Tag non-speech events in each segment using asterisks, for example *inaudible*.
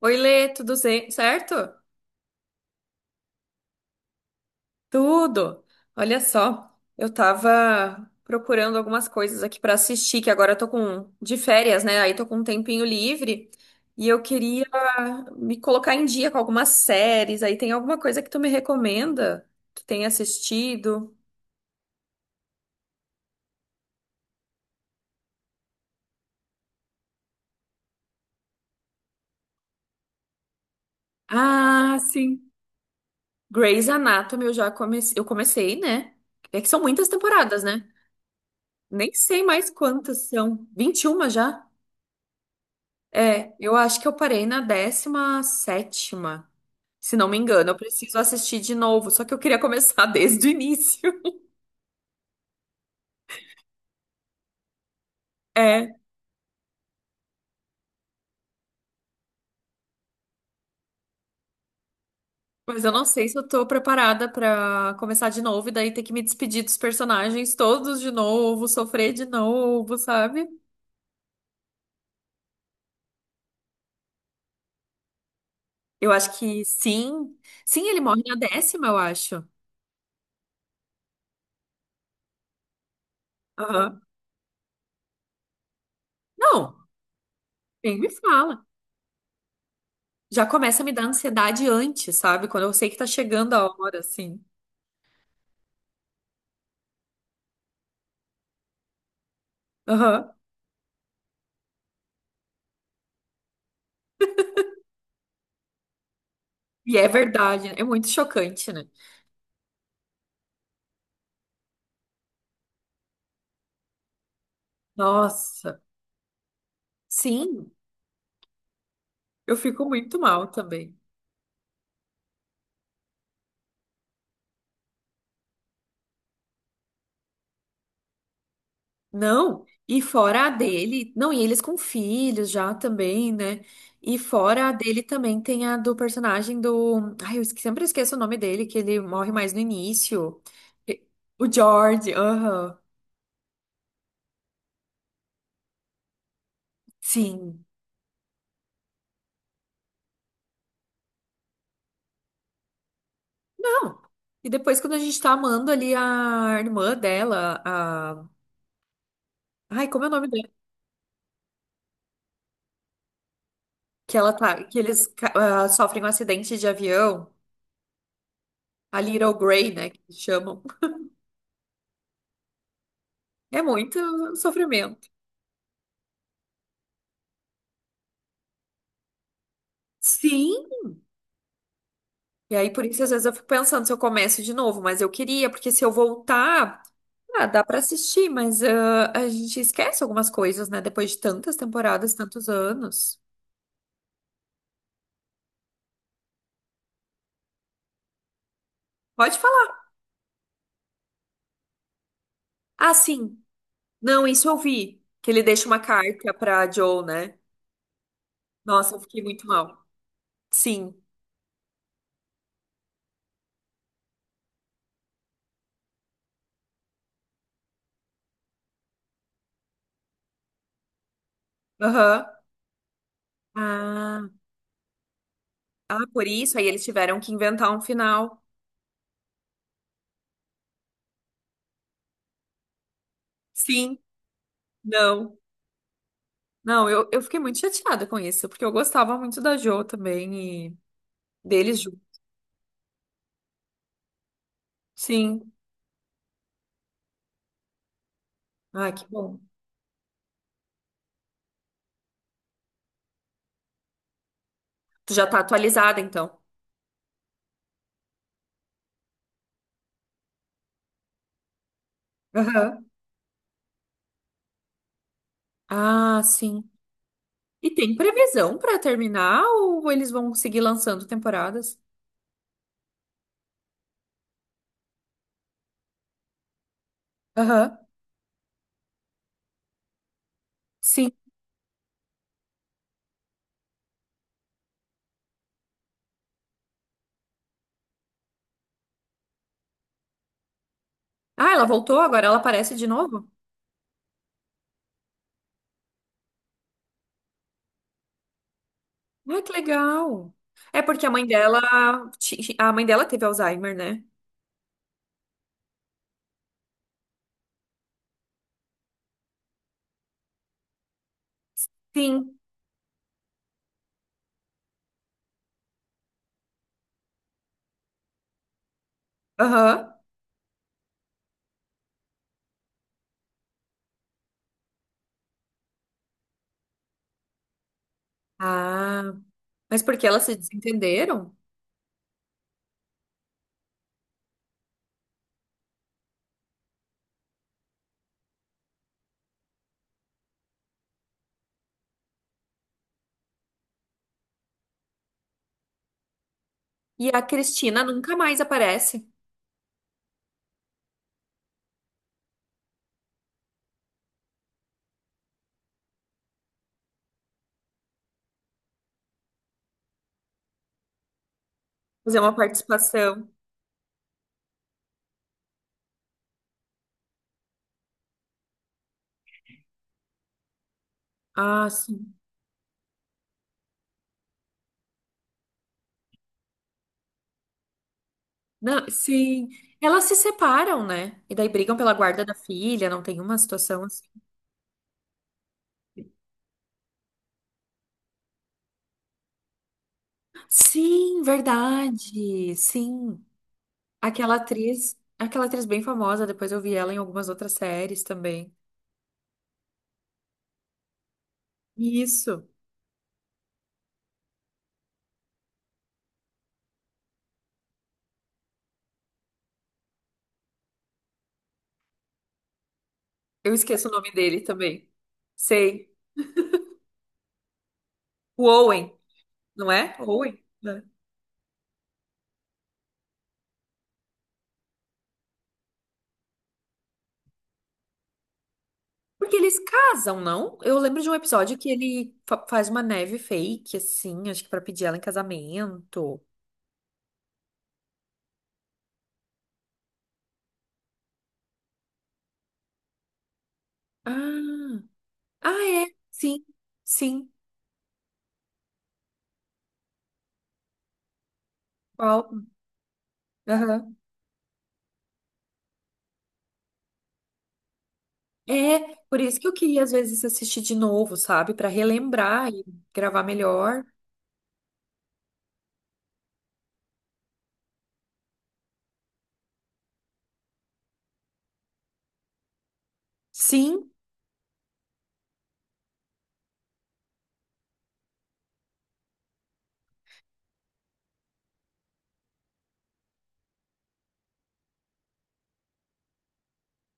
Oi, Lê, tudo certo? Tudo. Olha só, eu tava procurando algumas coisas aqui pra assistir, que agora eu tô com de férias, né? Aí tô com um tempinho livre e eu queria me colocar em dia com algumas séries. Aí tem alguma coisa que tu me recomenda que tenha assistido? Ah, sim. Grey's Anatomy, eu comecei, né? É que são muitas temporadas, né? Nem sei mais quantas são. 21 já? É, eu acho que eu parei na 17ª, se não me engano. Eu preciso assistir de novo, só que eu queria começar *laughs* desde o início. É, mas eu não sei se eu tô preparada pra começar de novo e daí ter que me despedir dos personagens todos de novo, sofrer de novo, sabe? Eu acho que sim. Sim, ele morre na décima, eu acho. Aham. Não, nem me fala. Já começa a me dar ansiedade antes, sabe? Quando eu sei que tá chegando a hora, assim. Aham. E é verdade, né? É muito chocante, né? Nossa, sim, eu fico muito mal também. Não, e fora a dele, não, e eles com filhos já também, né? E fora a dele também tem a do personagem do. Ai, sempre esqueço o nome dele, que ele morre mais no início. E- O George, aham, sim. Não, e depois quando a gente tá amando ali a irmã dela, a. Ai, como é o nome dela? Que ela tá, que ah, sofrem um acidente de avião, a Little Grey, né, que chamam. É muito sofrimento. Sim, e aí, por isso, às vezes eu fico pensando se eu começo de novo, mas eu queria, porque se eu voltar, ah, dá pra assistir, mas ah, a gente esquece algumas coisas, né? Depois de tantas temporadas, tantos anos. Pode falar. Ah, sim. Não, isso eu vi. Que ele deixa uma carta pra Joe, né? Nossa, eu fiquei muito mal. Sim. Aham. Ah, ah, por isso aí eles tiveram que inventar um final. Sim. Não. Não, eu fiquei muito chateada com isso, porque eu gostava muito da Jo também e deles juntos. Sim. Ai, que bom. Tu já tá atualizada, então. Aham. Ah, sim. E tem previsão pra terminar ou eles vão seguir lançando temporadas? Aham. Sim. Ah, ela voltou, agora ela aparece de novo? Ah, que legal. É porque a mãe dela, a mãe dela teve Alzheimer, né? Sim. Aham. Ah, mas porque elas se desentenderam? E a Cristina nunca mais aparece. Fazer uma participação. Ah, sim. Não, sim. Elas se separam, né? E daí brigam pela guarda da filha, não tem uma situação assim. Sim, verdade. Sim. Aquela atriz bem famosa, depois eu vi ela em algumas outras séries também. Isso. Eu esqueço o nome dele também. Sei. O Owen, não é? Owen? Né? Porque eles casam, não? Eu lembro de um episódio que faz uma neve fake, assim, acho que pra pedir ela em casamento. Ah. Ah, é. Sim, sim. Qual? Aham. É, por isso que eu queria às vezes assistir de novo, sabe? Pra relembrar e gravar melhor. Sim,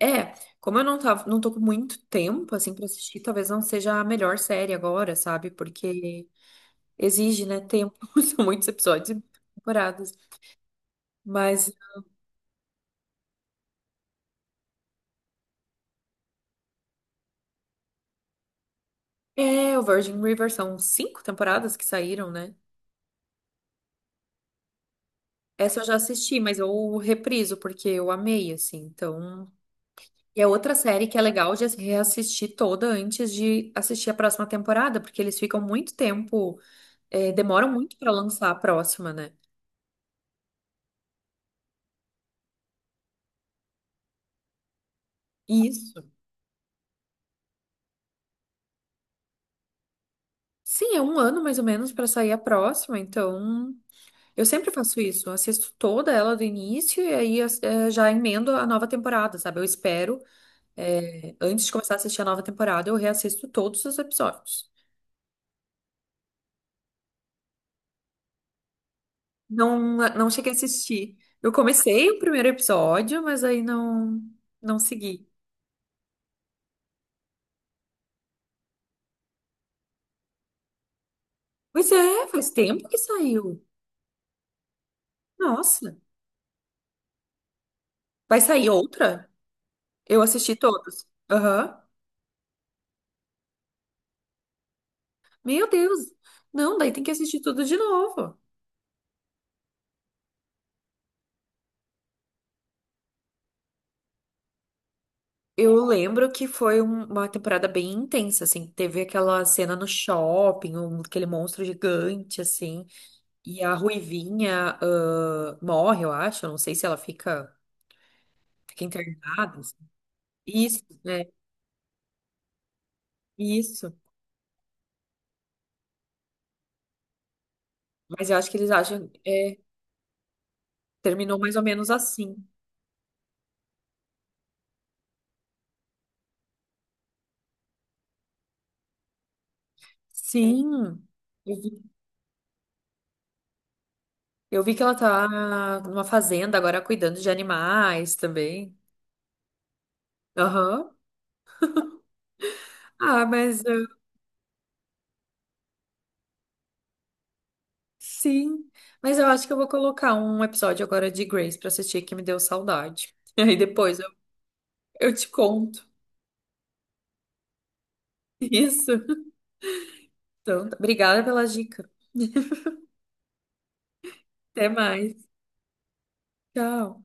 é. Como eu não tava, não tô com muito tempo assim pra assistir, talvez não seja a melhor série agora, sabe? Porque exige, né, tempo. *laughs* São muitos episódios e muitas temporadas. Mas é, o Virgin River são cinco temporadas que saíram, né? Essa eu já assisti, mas eu repriso porque eu amei, assim. Então, e é outra série que é legal de reassistir toda antes de assistir a próxima temporada, porque eles ficam muito tempo, é, demoram muito pra lançar a próxima, né? Isso. Sim, é um ano mais ou menos pra sair a próxima, então eu sempre faço isso, eu assisto toda ela do início e aí é, já emendo a nova temporada, sabe? Eu espero, é, antes de começar a assistir a nova temporada, eu reassisto todos os episódios. Não, não cheguei a assistir. Eu comecei o primeiro episódio, mas aí não, não segui. Pois é, faz tempo que saiu. Nossa, vai sair outra? Eu assisti todos. Aham. Meu Deus. Não, daí tem que assistir tudo de novo. Eu lembro que foi uma temporada bem intensa, assim. Teve aquela cena no shopping, aquele monstro gigante, assim. E a Ruivinha, ah, morre, eu acho. Eu não sei se ela fica, fica internada, assim. Isso, né? Isso. Mas eu acho que eles acham, é, terminou mais ou menos assim. Sim. Eu vi que ela tá numa fazenda agora cuidando de animais também. Aham. Ah, mas eu- sim. Mas eu acho que eu vou colocar um episódio agora de Grace pra assistir que me deu saudade. *laughs* E aí depois eu te conto. *laughs* Isso. Então, tá. Obrigada pela dica. Até mais. Tchau.